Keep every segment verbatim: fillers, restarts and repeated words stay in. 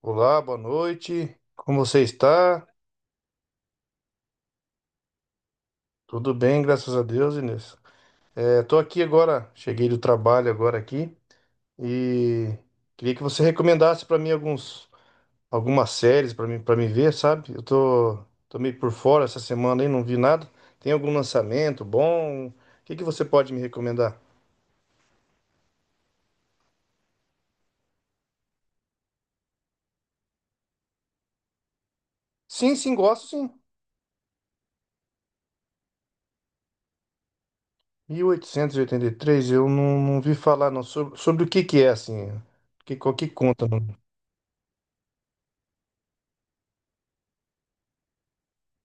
Olá, boa noite. Como você está? Tudo bem, graças a Deus, Inês. É, tô aqui agora, cheguei do trabalho agora aqui e queria que você recomendasse para mim alguns algumas séries para mim para me ver, sabe? Eu tô, tô meio por fora essa semana aí, não vi nada. Tem algum lançamento bom? O que que você pode me recomendar? Sim, sim, gosto sim. Mil oitocentos e e oitenta e três. eu não, não vi falar não sobre, sobre o que que é assim. Que, qual que conta? Não?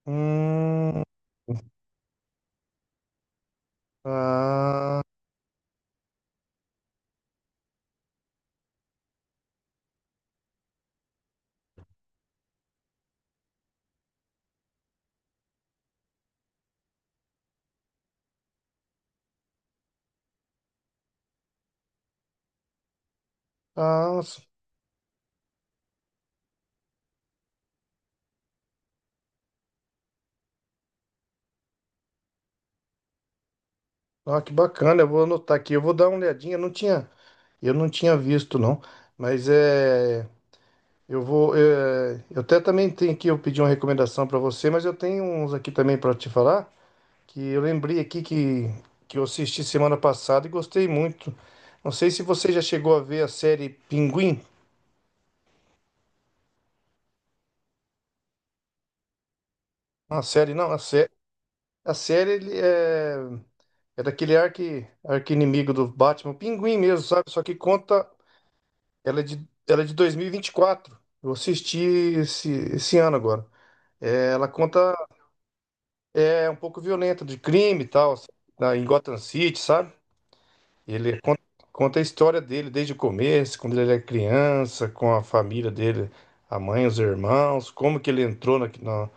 Hum, ah, Ah, s- ah, que bacana, eu vou anotar aqui, eu vou dar uma olhadinha, eu não tinha, eu não tinha visto não, mas é, eu vou, é, eu até também tenho aqui, eu pedi uma recomendação para você, mas eu tenho uns aqui também para te falar, que eu lembrei aqui que, que eu assisti semana passada e gostei muito, não sei se você já chegou a ver a série Pinguim. A série não, a, sé, A série ele é, é daquele arqui, arqui-inimigo do Batman, Pinguim mesmo, sabe, só que conta. Ela é de, ela é de dois mil e vinte e quatro. Eu assisti esse, esse ano agora. É, ela conta. É um pouco violenta de crime e tal, assim, na, em Gotham City, sabe? Ele conta, conta a história dele desde o começo, quando ele era criança, com a família dele, a mãe, os irmãos, como que ele entrou na, na-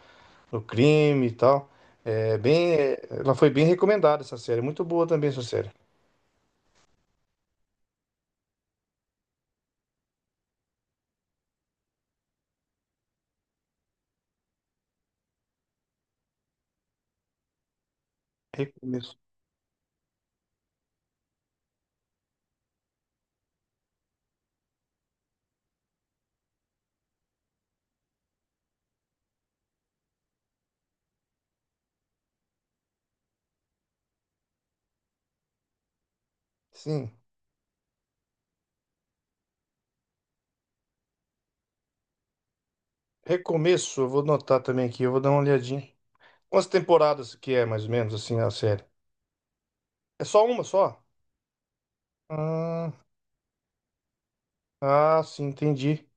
no crime e tal. É bem, é, ela foi bem recomendada essa série, muito boa também essa série. Recomeço. Sim. Recomeço, eu vou notar também aqui, eu vou dar uma olhadinha. Quantas temporadas que é, mais ou menos, assim, a série? É só uma só? Ah, ah, sim, entendi.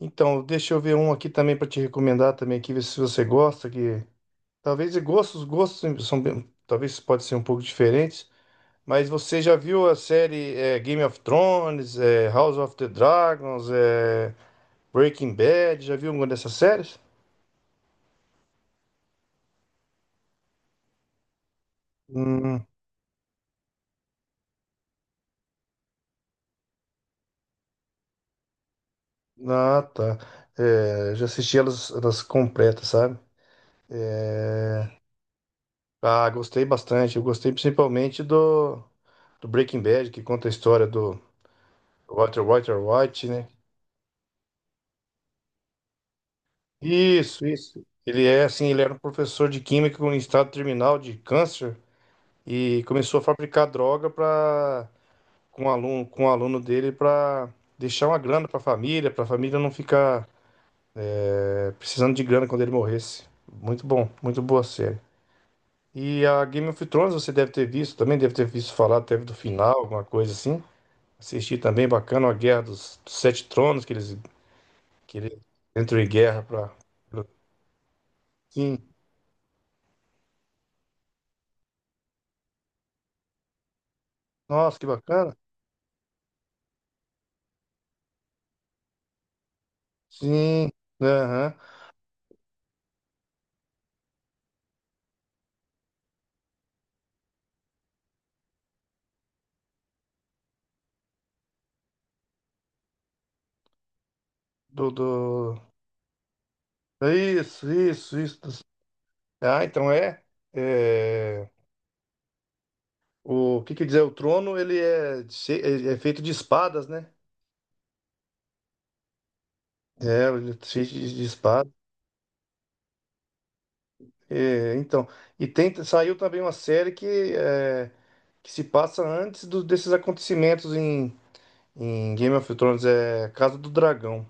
Então, deixa eu ver um aqui também para te recomendar também aqui, ver se você gosta, que talvez e gostos, gostos são bem- talvez pode ser um pouco diferentes, mas você já viu a série é, Game of Thrones, é, House of the Dragons, é, Breaking Bad, já viu alguma dessas séries? Hum, ah, tá. É, já assisti elas, elas completas, sabe? Ah, gostei bastante. Eu gostei principalmente do, do Breaking Bad, que conta a história do Walter, Walter White, né? Isso, isso. Ele é assim, ele era um professor de química em estado terminal de câncer e começou a fabricar droga para com um aluno, com um aluno dele para deixar uma grana para a família, para a família não ficar eh, precisando de grana quando ele morresse. Muito bom, muito boa série. E a Game of Thrones você deve ter visto, também deve ter visto falar, teve do final, alguma coisa assim. Assisti também, bacana, a Guerra dos, dos Sete Tronos, que eles, que eles entram em guerra pra... Sim, nossa, que bacana. Sim, aham. Do, do... Isso, isso, isso. Dos. Ah, então é... é, o que quer dizer, o trono, ele é, che- é é feito de espadas, né? É, ele é cheio de, de espada. É, então, e tem, saiu também uma série que, é, que se passa antes do- desses acontecimentos em, em Game of Thrones é Casa do Dragão.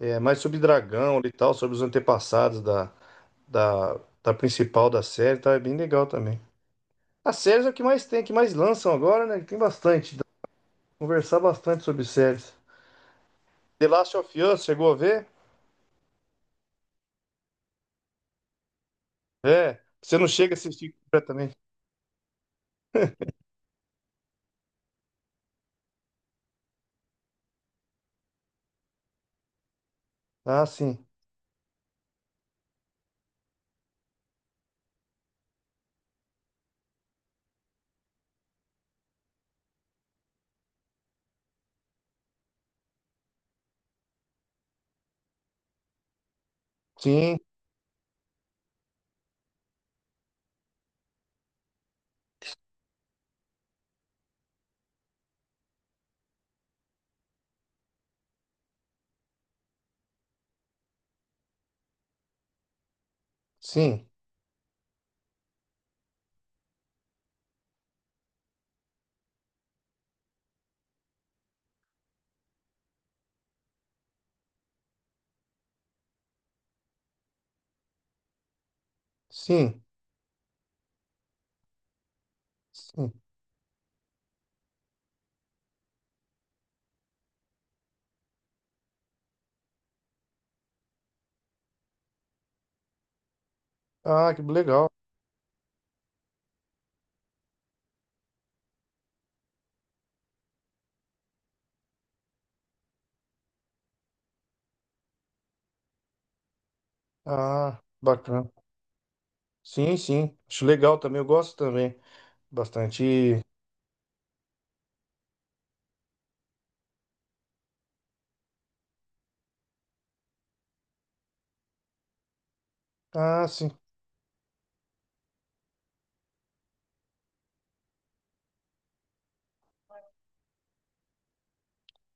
É mais sobre dragão e tal, sobre os antepassados da, da, da, principal da série, tá? É bem legal também. As séries é o que mais tem, é que mais lançam agora, né? Tem bastante. Dá pra conversar bastante sobre séries. The Last of Us, chegou a ver? É. Você não chega a assistir completamente. Ah, sim. Sim, sim, sim, sim. Ah, que legal. Ah, bacana. Sim, sim. Acho legal também. Eu gosto também. Bastante. Ah, sim.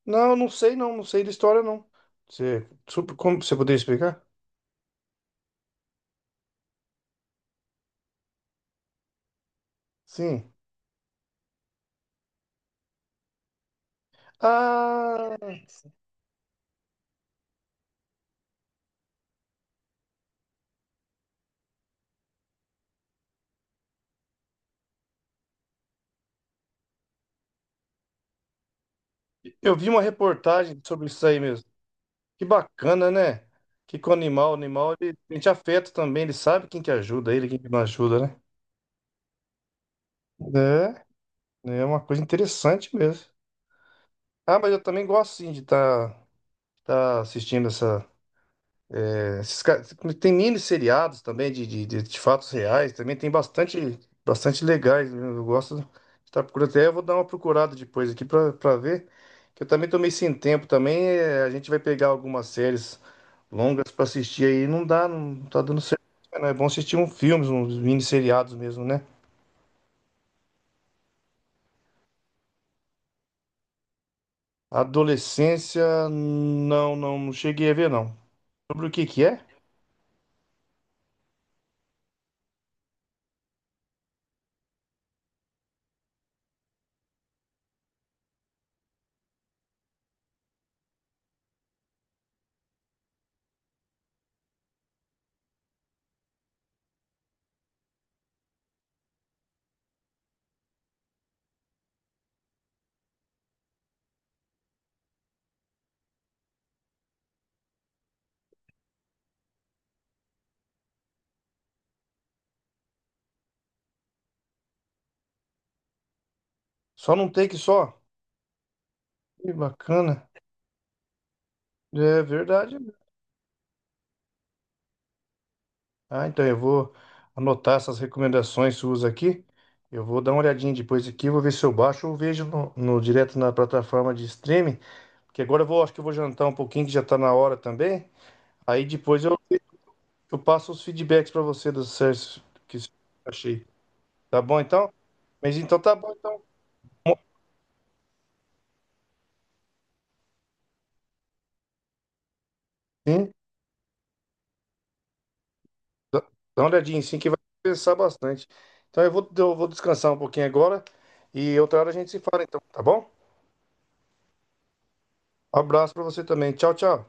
Não, não sei não, não sei da história não. Você, sobre- como você poderia explicar? Sim. Ah, eu vi uma reportagem sobre isso aí mesmo. Que bacana, né? Que com o animal, o animal, ele sente afeto também, ele sabe quem que ajuda ele, quem que não ajuda, né? É, é uma coisa interessante mesmo. Ah, mas eu também gosto sim de estar assistindo essa. Né, esses caras, tem mini seriados também de, de, de- de fatos reais, também tem bastante, bastante legais. Né? Eu gosto de estar procurando. Até eu vou dar uma procurada depois aqui pra pra ver. Que eu também tô meio sem tempo também. É, a gente vai pegar algumas séries longas pra assistir aí. Não dá, não tá dando certo. Não é bom assistir um filmes, uns mini seriados mesmo, né? Adolescência, não, não, não cheguei a ver, não. Sobre o que que é? Só não tem que só? Que bacana. É verdade. Ah, então eu vou anotar essas recomendações suas aqui. Eu vou dar uma olhadinha depois aqui, vou ver se eu baixo ou vejo no, no- direto na plataforma de streaming. Porque agora eu vou, acho que eu vou jantar um pouquinho, que já tá na hora também. Aí depois eu, eu passo os feedbacks para você dos certos que eu achei. Tá bom então? Mas então tá bom então. Sim, dá dá uma olhadinha sim que vai pensar bastante. Então eu vou, eu vou descansar um pouquinho agora e outra hora a gente se fala então, tá bom? Um abraço para você também. Tchau, tchau.